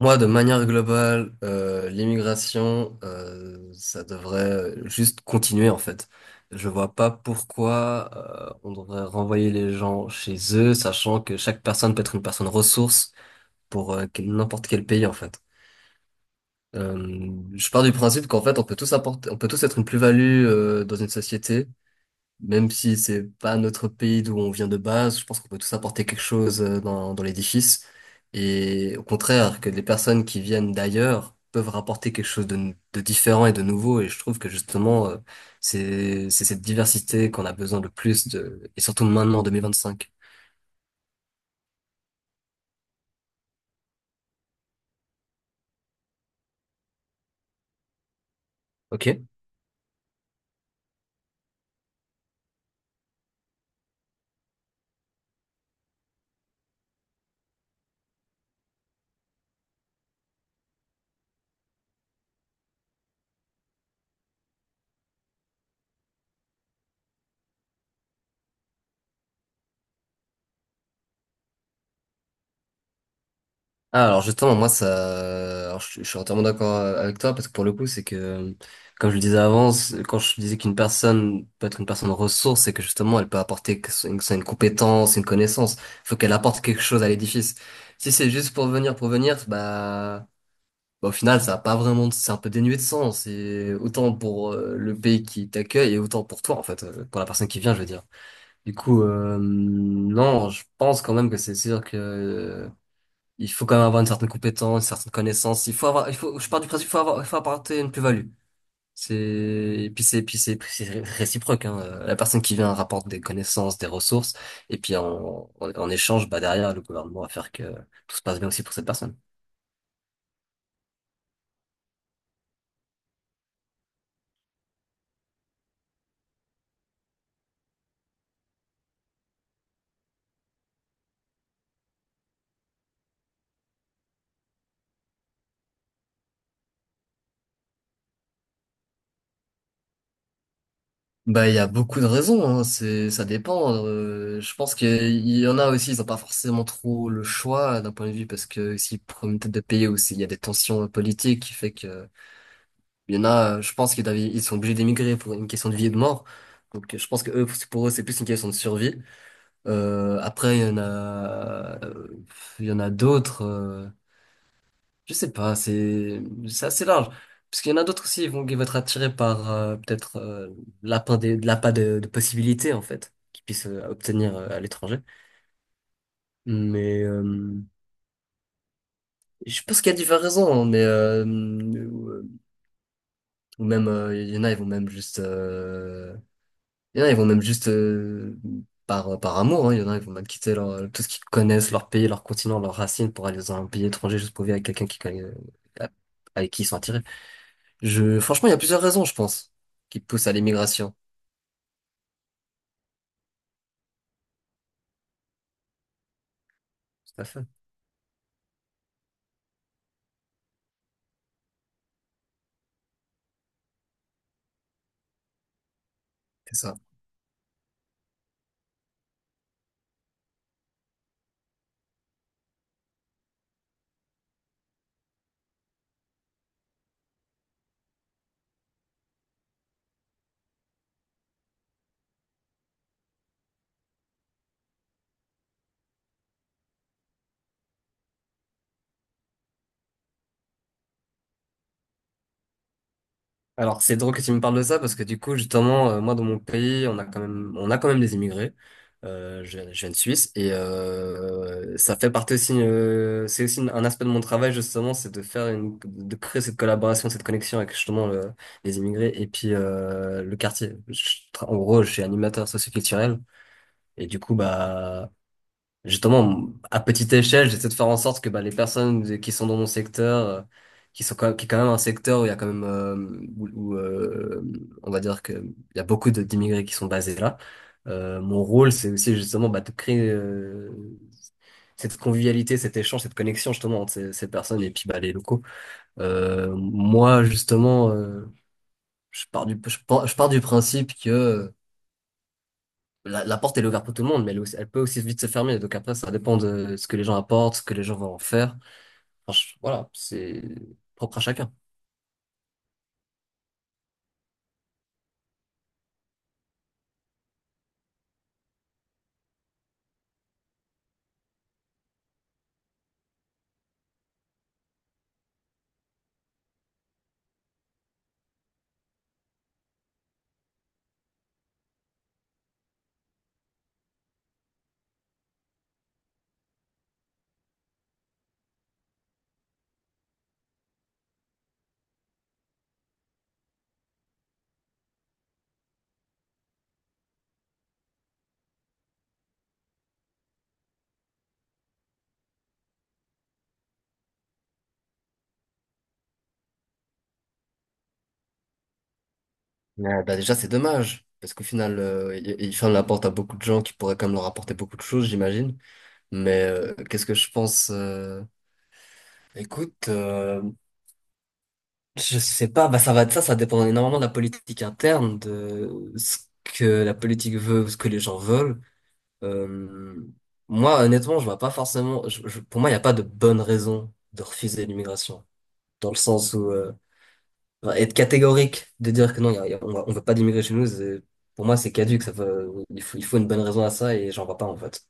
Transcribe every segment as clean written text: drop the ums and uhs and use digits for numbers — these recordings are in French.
Moi, de manière globale, l'immigration, ça devrait juste continuer en fait. Je vois pas pourquoi on devrait renvoyer les gens chez eux, sachant que chaque personne peut être une personne ressource pour n'importe quel pays en fait. Je pars du principe qu'en fait, on peut tous apporter, on peut tous être une plus-value dans une société même si c'est pas notre pays d'où on vient de base, je pense qu'on peut tous apporter quelque chose dans l'édifice. Et au contraire, que les personnes qui viennent d'ailleurs peuvent rapporter quelque chose de différent et de nouveau. Et je trouve que justement, c'est cette diversité qu'on a besoin le plus de, et surtout maintenant en 2025. Ok? Ah, alors justement, moi, ça, alors, je suis entièrement d'accord avec toi parce que pour le coup, c'est que, comme je le disais avant, quand je disais qu'une personne peut être une personne ressource, c'est que justement, elle peut apporter que ce une, que ce soit une compétence, une connaissance. Il faut qu'elle apporte quelque chose à l'édifice. Si c'est juste pour venir, bah, au final, ça a pas vraiment, c'est un peu dénué de sens. Et autant pour le pays qui t'accueille et autant pour toi, en fait, pour la personne qui vient, je veux dire. Du coup, non, je pense quand même que c'est sûr que il faut quand même avoir une certaine compétence, une certaine connaissance. Il faut avoir, il faut, je pars du principe, il faut avoir, il faut apporter une plus-value. C'est, et puis c'est, puis c'est, puis c'est réciproque, hein. La personne qui vient rapporte des connaissances, des ressources, et puis en échange, bah, derrière, le gouvernement va faire que tout se passe bien aussi pour cette personne. Bah, il y a beaucoup de raisons, hein. Ça dépend. Je pense qu'il y en a aussi, ils n'ont pas forcément trop le choix d'un point de vue parce que s'ils prennent une tête de pays ou s'il y a des tensions politiques qui fait que il y en a, je pense ils sont obligés d'émigrer pour une question de vie et de mort. Donc je pense que eux, pour eux, c'est plus une question de survie. Après, il y en a d'autres. Je sais pas, c'est assez large. Parce qu'il y en a d'autres aussi, ils vont être attirés par peut-être l'appât de possibilités en fait qu'ils puissent obtenir à l'étranger. Mais je pense qu'il y a diverses raisons, hein, mais ou même il y en a, ils vont même juste il y en a, ils vont même juste par amour, hein. Il y en a, ils vont même quitter tout ce qu'ils connaissent, leur pays, leur continent, leurs racines pour aller dans un pays étranger juste pour vivre avec quelqu'un qui connaît, avec qui ils sont attirés. Franchement, il y a plusieurs raisons, je pense, qui poussent à l'immigration. Tout à fait. C'est ça. Alors, c'est drôle que tu me parles de ça parce que du coup, justement, moi, dans mon pays, on a quand même des immigrés. Je viens de Suisse et ça fait partie aussi, c'est aussi un aspect de mon travail justement, c'est de de créer cette collaboration, cette connexion avec justement les immigrés et puis le quartier. En gros, je suis animateur socioculturel et du coup, bah justement, à petite échelle, j'essaie de faire en sorte que bah, les personnes qui sont dans mon secteur, qui est quand même un secteur où il y a quand même, où, où, euh, on va dire que il y a beaucoup d'immigrés qui sont basés là. Mon rôle, c'est aussi justement bah, de créer cette convivialité, cet échange, cette connexion justement entre ces personnes et puis bah, les locaux. Moi, justement, je pars du principe que la porte, elle est ouverte pour tout le monde, mais elle peut aussi vite se fermer. Donc après, ça dépend de ce que les gens apportent, ce que les gens vont en faire. Enfin, voilà, c'est propre à chacun. Mais, bah, déjà, c'est dommage, parce qu'au final, il ferme la porte à beaucoup de gens qui pourraient quand même leur apporter beaucoup de choses, j'imagine. Mais qu'est-ce que je pense Écoute, je sais pas, bah, ça va être ça, ça dépend énormément de la politique interne, de ce que la politique veut, ce que les gens veulent. Euh, Moi, honnêtement, je vois pas forcément. Pour moi, il n'y a pas de bonne raison de refuser l'immigration, dans le sens où enfin, être catégorique, de dire que non, il y a- on va- on veut pas d'immigrer chez nous, pour moi, c'est caduque. Ça veut, il faut, Il faut une bonne raison à ça et j'en vois pas en fait.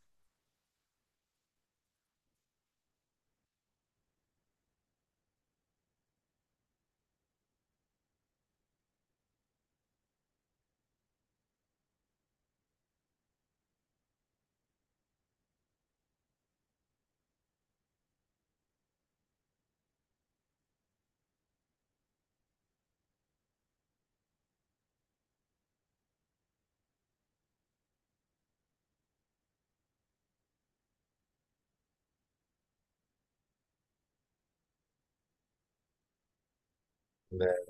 Ouais.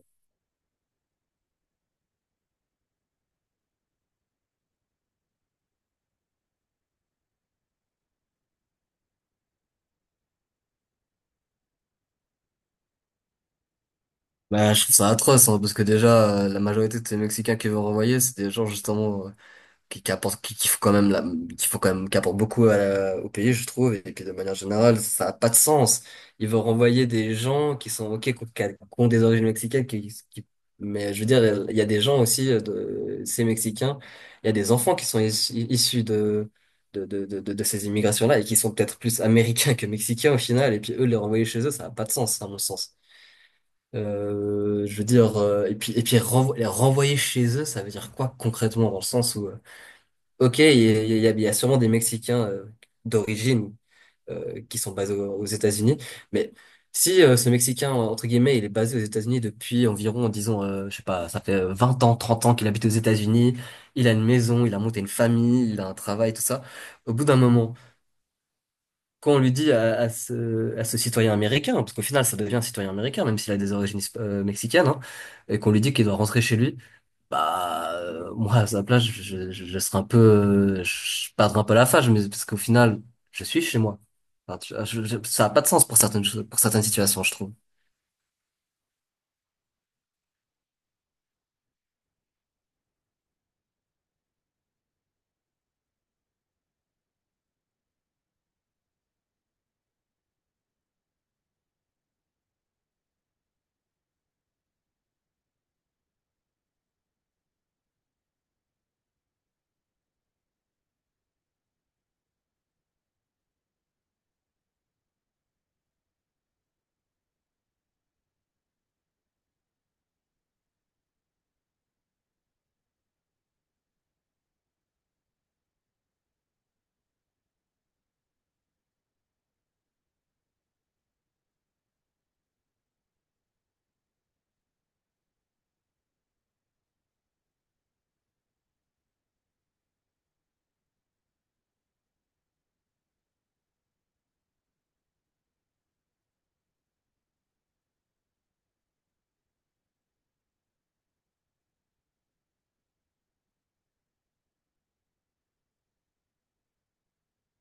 Bah, je trouve ça atroce, hein, parce que déjà, la majorité de ces Mexicains qui vont renvoyer, c'est des gens justement qui apporte, qui faut quand même, qui apporte beaucoup au pays, je trouve, et que de manière générale, ça a pas de sens. Ils vont renvoyer des gens qui sont, ok, qui ont des origines mexicaines, mais je veux dire, il y a des gens aussi, ces Mexicains, il y a des enfants qui sont issus de ces immigrations-là et qui sont peut-être plus américains que mexicains au final, et puis eux, les renvoyer chez eux, ça a pas de sens, à mon sens. Je veux dire, et puis les renvoyer chez eux, ça veut dire quoi concrètement dans le sens où. Ok, il y a sûrement des Mexicains d'origine qui sont basés aux États-Unis, mais si ce Mexicain, entre guillemets, il est basé aux États-Unis depuis environ, disons, je sais pas, ça fait 20 ans, 30 ans qu'il habite aux États-Unis, il a une maison, il a monté une famille, il a un travail, tout ça, au bout d'un moment, quand on lui dit à ce citoyen américain, parce qu'au final, ça devient un citoyen américain, même s'il a des origines mexicaines, hein, et qu'on lui dit qu'il doit rentrer chez lui, bah, moi, à sa place, je serais un peu, je perdrais un peu la face, mais parce qu'au final, je suis chez moi. Enfin, ça a pas de sens pour certaines choses, pour certaines situations, je trouve.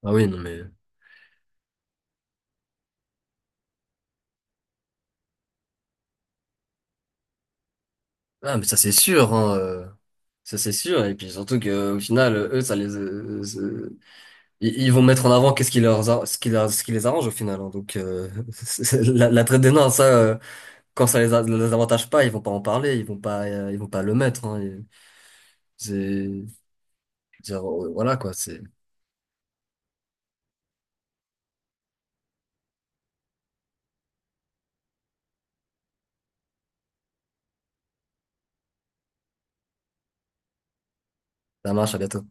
Ah oui, non mais, ah mais ça c'est sûr, hein, ça c'est sûr. Et puis surtout que au final, eux, ils vont mettre en avant qu'est-ce qui leur, a- ce qui leur, ce qui les arrange au final. Hein. Donc la traite des nains, ça, quand ça les avantage pas, ils vont pas en parler, ils vont pas le mettre. Hein. Et c'est je veux dire, voilà quoi, c'est ça marche, à bientôt.